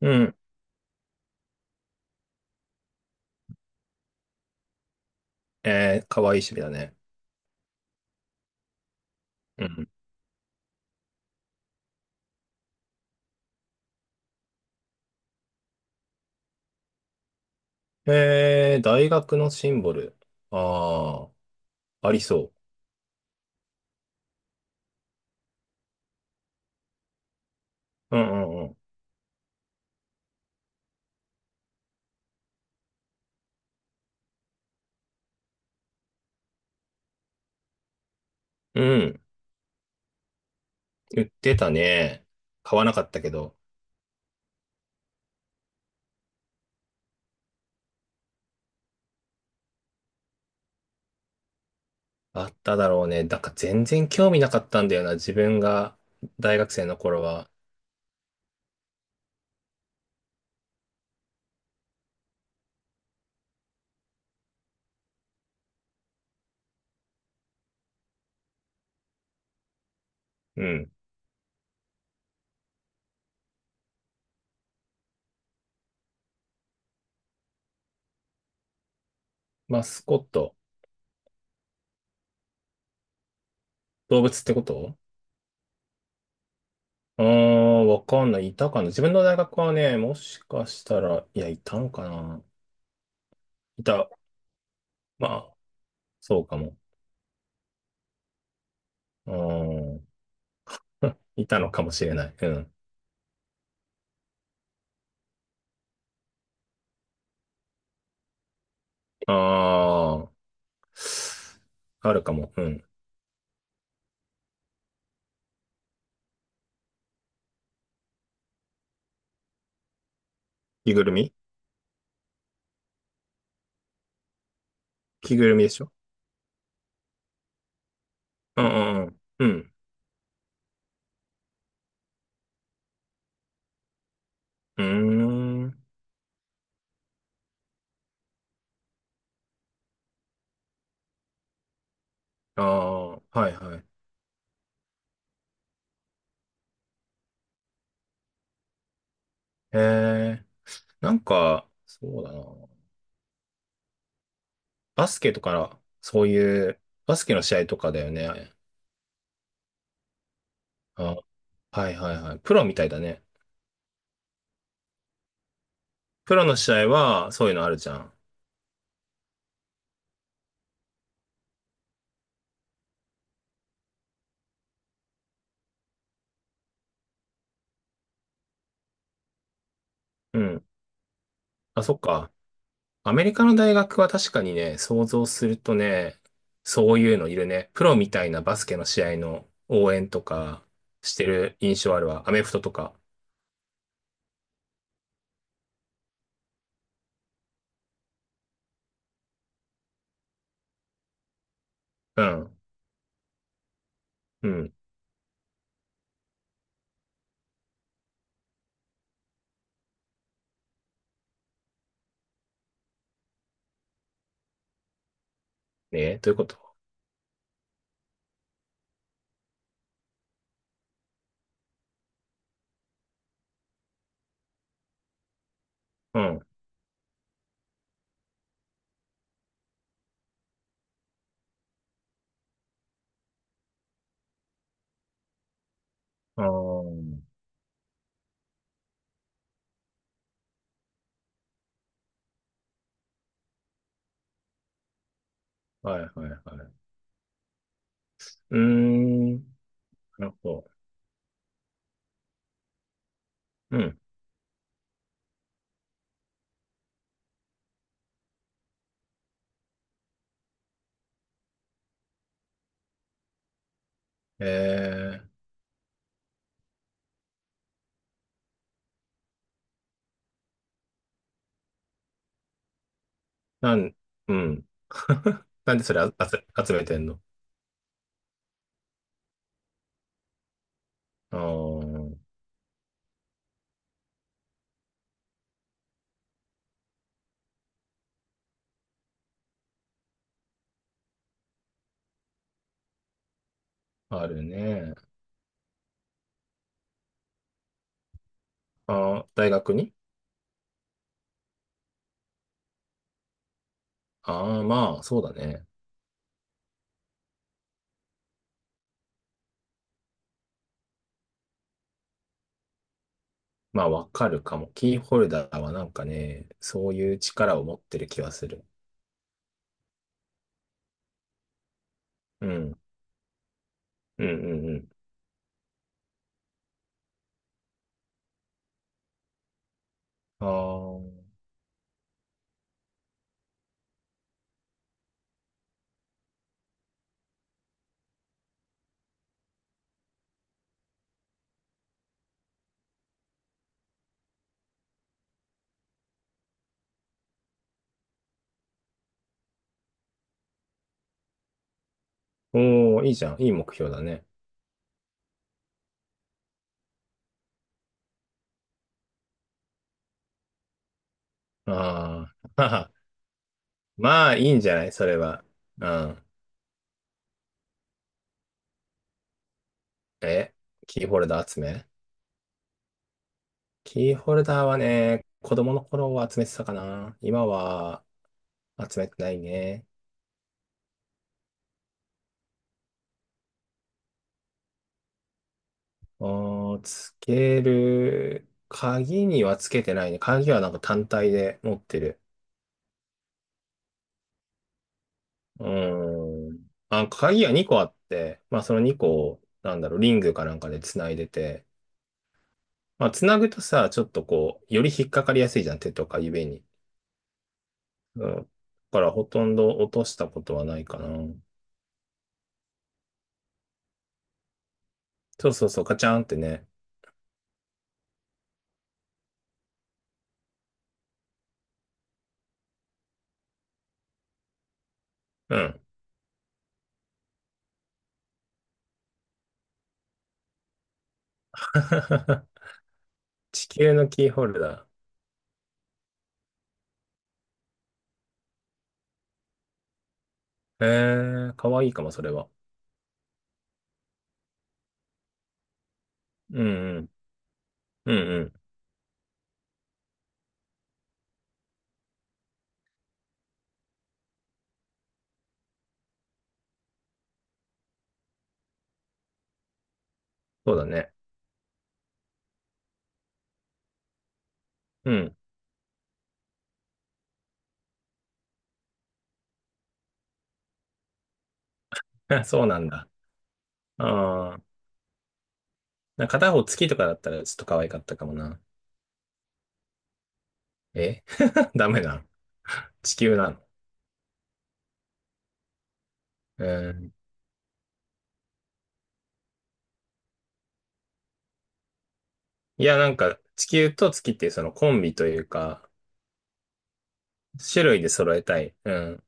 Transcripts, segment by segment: うん。えー、かわいい趣味だね。うん。えー、大学のシンボル。ああ、ありそう。うんうんうん。うん。言ってたね。買わなかったけど。あっただろうね。なんか全然興味なかったんだよな。自分が大学生の頃は。うん。マスコット。動物ってこと？ああー、わかんない。いたかな。自分の大学はね、もしかしたら、いや、いたんかな。いた。まあ、そうかも。うん。いたのかもしれない。うん。ああ、あるかも。うん。着ぐるみ。着ぐるみでしょ？うんうんうん。うん。うーん。ああ、はいはい。ええ、なんか、そうだな。バスケとか、そういう、バスケの試合とかだよね。あ、はいはいはい。プロみたいだね。プロの試合は、そういうのあるじゃん。うん。あ、そっか。アメリカの大学は確かにね、想像するとね、そういうのいるね。プロみたいなバスケの試合の応援とかしてる印象あるわ。アメフトとか。うん。うん。ね、どういうこと？うん。あー、はいはいはい。うーん。なるほど。うん。えー、なん、うん。なんでそれあ集めてんの？あー、あるね。あー、大学に？ああー、まあ、そうだね。まあ、わかるかも。キーホルダーはなんかね、そういう力を持ってる気はする。うん。うんうんうん。ああ。おー、いいじゃん。いい目標だね。ああ。まあ、いいんじゃないそれは。うん。え、キーホルダー集めキーホルダーはね、子供の頃は集めてたかな。今は集めてないね。あー、つける。鍵にはつけてないね。鍵はなんか単体で持ってる。うーん。あ、鍵が2個あって、まあその2個を、なんだろう、リングかなんかで繋いでて、まあ繋ぐとさ、ちょっとこう、より引っかかりやすいじゃん、手とか指に。うん。だからほとんど落としたことはないかな。そうそうそう、ガチャンってね。うん。地球のキーホルダー。えー、かわいいかも、それは。うんうん。うんうん。そうだね。うん。そうなんだ。ああ。なんか片方月とかだったらちょっと可愛かったかもな。え、 ダメなの？地球なの？うん。いや、なんか、地球と月っていうそのコンビというか、種類で揃えたい。うん。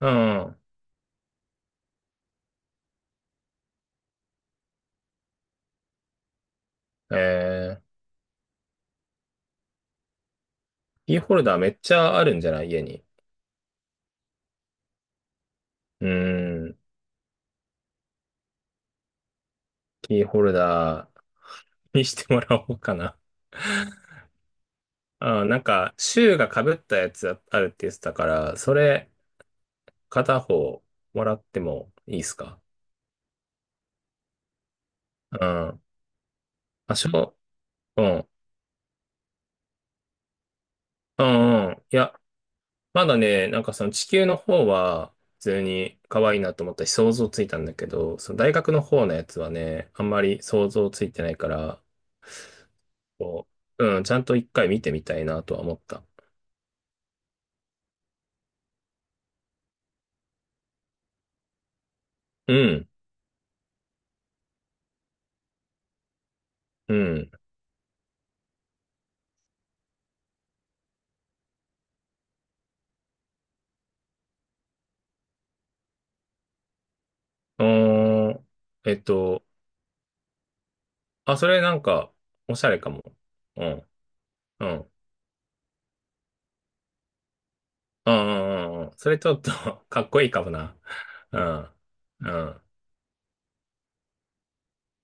うん。えー、キーホルダーめっちゃあるんじゃない家に。うん。キーホルダーにしてもらおうかな。あー、なんか、シューが被ったやつあるって言ってたから、それ、片方もらってもいいですか？うん。あ、うん。うんうん。いや、まだね、なんかその地球の方は普通に可愛いなと思ったし想像ついたんだけど、その大学の方のやつはね、あんまり想像ついてないから、こう、うん、ちゃんと一回見てみたいなとは思った。うん、うん。うーん、えっと、あ、それなんか、おしゃれかも。うん、うん、うん、うん、うんうんそれちょっと かっこいいかもな。うん、うん、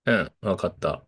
うん、わかった。